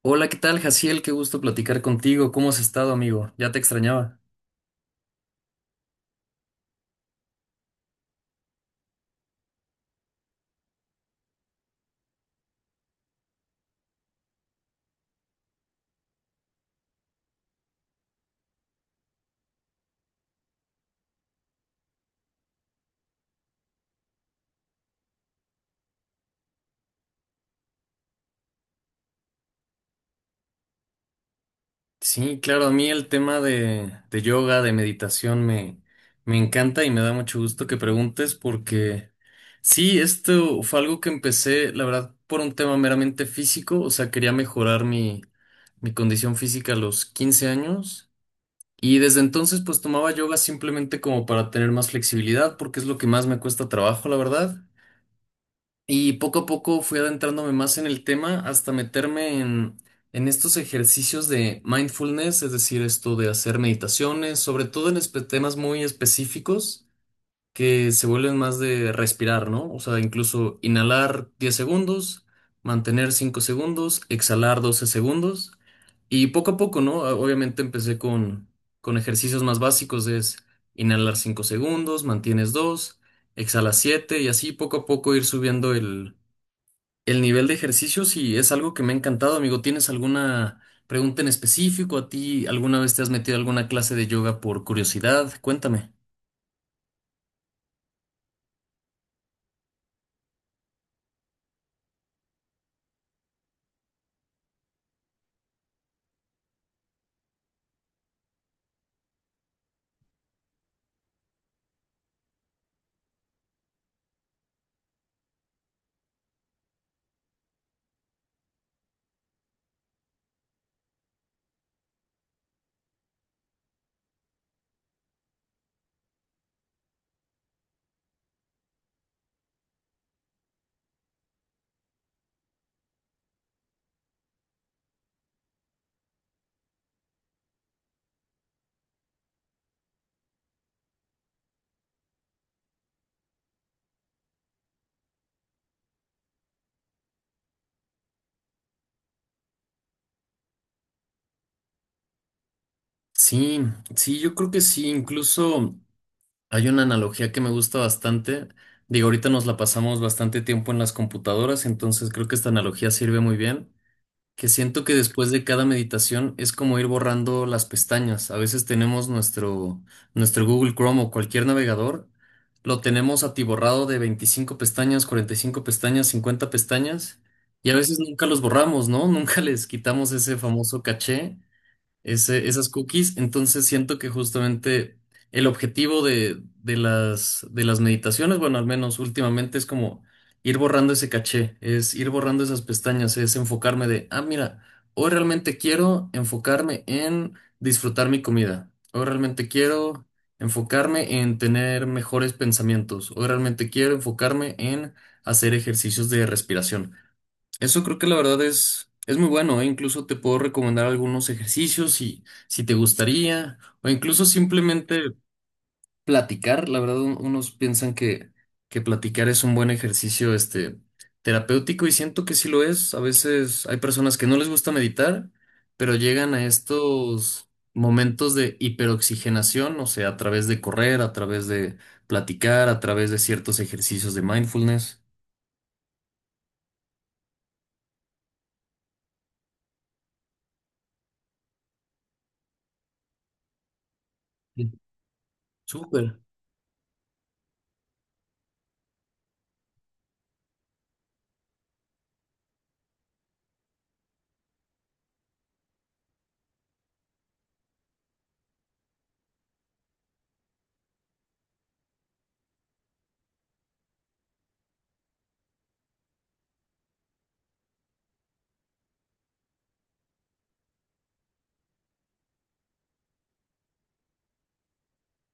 Hola, ¿qué tal, Jaciel? Qué gusto platicar contigo. ¿Cómo has estado, amigo? Ya te extrañaba. Sí, claro, a mí el tema de yoga, de meditación, me encanta y me da mucho gusto que preguntes porque sí, esto fue algo que empecé, la verdad, por un tema meramente físico, o sea, quería mejorar mi condición física a los 15 años y desde entonces pues tomaba yoga simplemente como para tener más flexibilidad porque es lo que más me cuesta trabajo, la verdad. Y poco a poco fui adentrándome más en el tema hasta meterme en estos ejercicios de mindfulness, es decir, esto de hacer meditaciones, sobre todo en temas muy específicos que se vuelven más de respirar, ¿no? O sea, incluso inhalar 10 segundos, mantener 5 segundos, exhalar 12 segundos. Y poco a poco, ¿no? Obviamente empecé con ejercicios más básicos, es inhalar 5 segundos, mantienes dos, exhalas 7 y así poco a poco ir subiendo el nivel de ejercicio. Sí, es algo que me ha encantado, amigo. ¿Tienes alguna pregunta en específico? ¿A ti alguna vez te has metido a alguna clase de yoga por curiosidad? Cuéntame. Sí, sí, yo creo que sí. Incluso hay una analogía que me gusta bastante. Digo, ahorita nos la pasamos bastante tiempo en las computadoras, entonces creo que esta analogía sirve muy bien, que siento que después de cada meditación es como ir borrando las pestañas. A veces tenemos nuestro Google Chrome o cualquier navegador, lo tenemos atiborrado de 25 pestañas, 45 pestañas, 50 pestañas, y a veces nunca los borramos, ¿no? Nunca les quitamos ese famoso caché, esas cookies. Entonces siento que justamente el objetivo de las meditaciones, bueno, al menos últimamente, es como ir borrando ese caché, es ir borrando esas pestañas, es enfocarme de, mira, hoy realmente quiero enfocarme en disfrutar mi comida, hoy realmente quiero enfocarme en tener mejores pensamientos, hoy realmente quiero enfocarme en hacer ejercicios de respiración. Eso creo que la verdad es muy bueno, ¿eh? Incluso te puedo recomendar algunos ejercicios si te gustaría, o incluso simplemente platicar. La verdad, unos piensan que platicar es un buen ejercicio, terapéutico, y siento que sí lo es. A veces hay personas que no les gusta meditar, pero llegan a estos momentos de hiperoxigenación, o sea, a través de correr, a través de platicar, a través de ciertos ejercicios de mindfulness. Sí. Súper.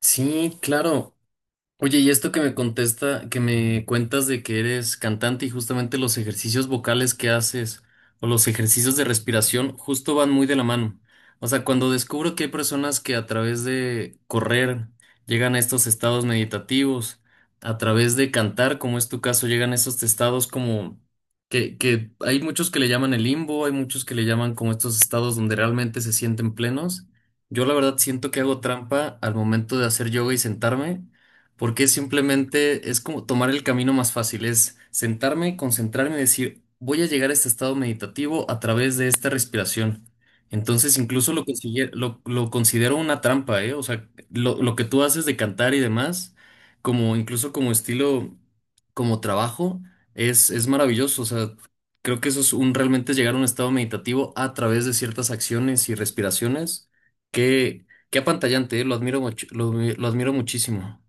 Sí, claro. Oye, y esto que me cuentas de que eres cantante y justamente los ejercicios vocales que haces o los ejercicios de respiración justo van muy de la mano. O sea, cuando descubro que hay personas que a través de correr llegan a estos estados meditativos, a través de cantar, como es tu caso, llegan a estos estados como que hay muchos que le llaman el limbo, hay muchos que le llaman como estos estados donde realmente se sienten plenos. Yo la verdad siento que hago trampa al momento de hacer yoga y sentarme, porque simplemente es como tomar el camino más fácil, es sentarme, concentrarme y decir, voy a llegar a este estado meditativo a través de esta respiración. Entonces incluso lo considero una trampa, ¿eh? O sea, lo que tú haces de cantar y demás, como incluso como estilo, como trabajo, es maravilloso. O sea, creo que eso es un realmente llegar a un estado meditativo a través de ciertas acciones y respiraciones que apantallante, ¿eh? Lo admiro, lo admiro muchísimo.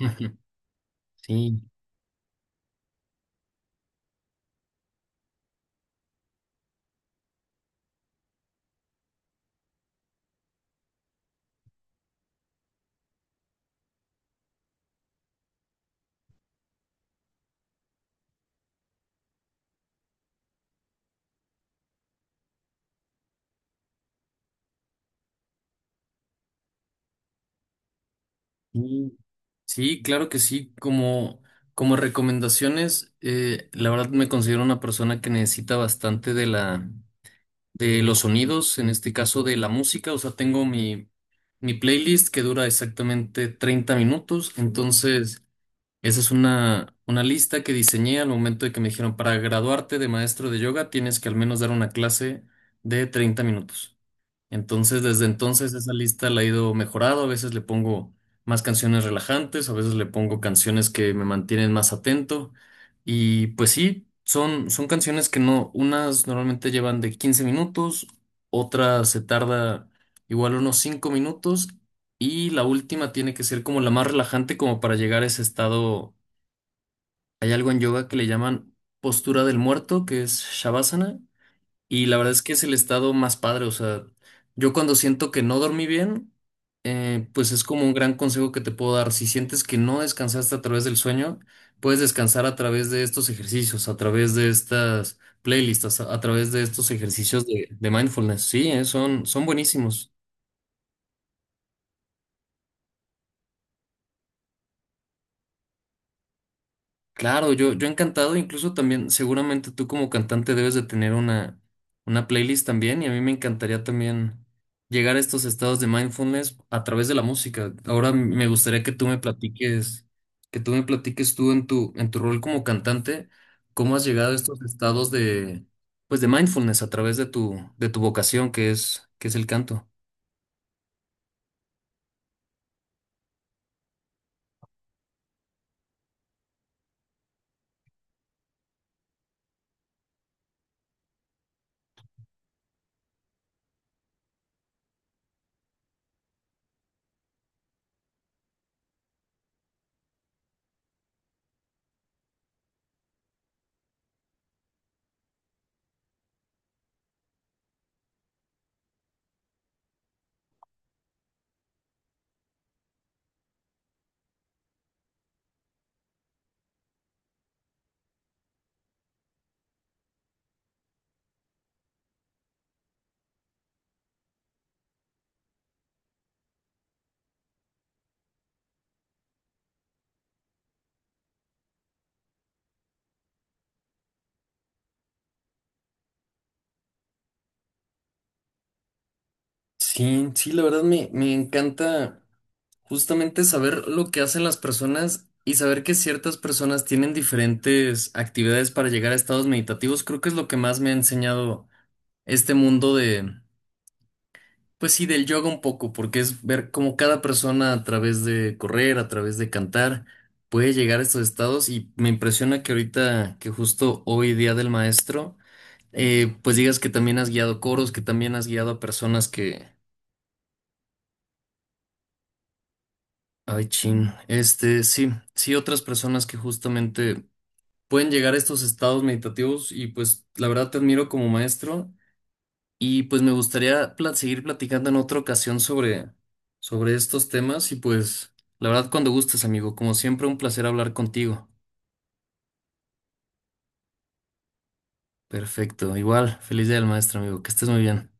Ujú. Sí, sí, sí, claro que sí. Como recomendaciones, la verdad me considero una persona que necesita bastante de los sonidos, en este caso de la música. O sea, tengo mi playlist que dura exactamente 30 minutos. Entonces, esa es una lista que diseñé al momento de que me dijeron, para graduarte de maestro de yoga, tienes que al menos dar una clase de 30 minutos. Entonces, desde entonces esa lista la he ido mejorando. A veces le pongo más canciones relajantes, a veces le pongo canciones que me mantienen más atento. Y pues sí, son canciones que no, unas normalmente llevan de 15 minutos, otras se tarda igual unos 5 minutos, y la última tiene que ser como la más relajante como para llegar a ese estado. Hay algo en yoga que le llaman postura del muerto, que es Shavasana, y la verdad es que es el estado más padre, o sea, yo cuando siento que no dormí bien, pues es como un gran consejo que te puedo dar. Si sientes que no descansaste a través del sueño, puedes descansar a través de estos ejercicios, a través de estas playlists, a través de estos ejercicios de mindfulness. Sí, son buenísimos. Claro, yo encantado, incluso también, seguramente tú como cantante debes de tener una playlist también, y a mí me encantaría también llegar a estos estados de mindfulness a través de la música. Ahora me gustaría que tú me platiques tú en en tu rol como cantante, cómo has llegado a estos estados pues de mindfulness a través de de tu vocación, que es el canto. Sí, sí, la verdad me encanta. Justamente saber lo que hacen las personas y saber que ciertas personas tienen diferentes actividades para llegar a estados meditativos, creo que es lo que más me ha enseñado este mundo de, pues sí, del yoga un poco, porque es ver cómo cada persona a través de correr, a través de cantar, puede llegar a estos estados, y me impresiona que ahorita, que justo hoy día del maestro, pues digas que también has guiado coros, que también has guiado a personas que... Ay, chin. Sí, sí, otras personas que justamente pueden llegar a estos estados meditativos, y pues la verdad te admiro como maestro y pues me gustaría seguir platicando en otra ocasión sobre estos temas, y pues la verdad cuando gustes, amigo, como siempre un placer hablar contigo. Perfecto, igual, feliz día del maestro, amigo, que estés muy bien.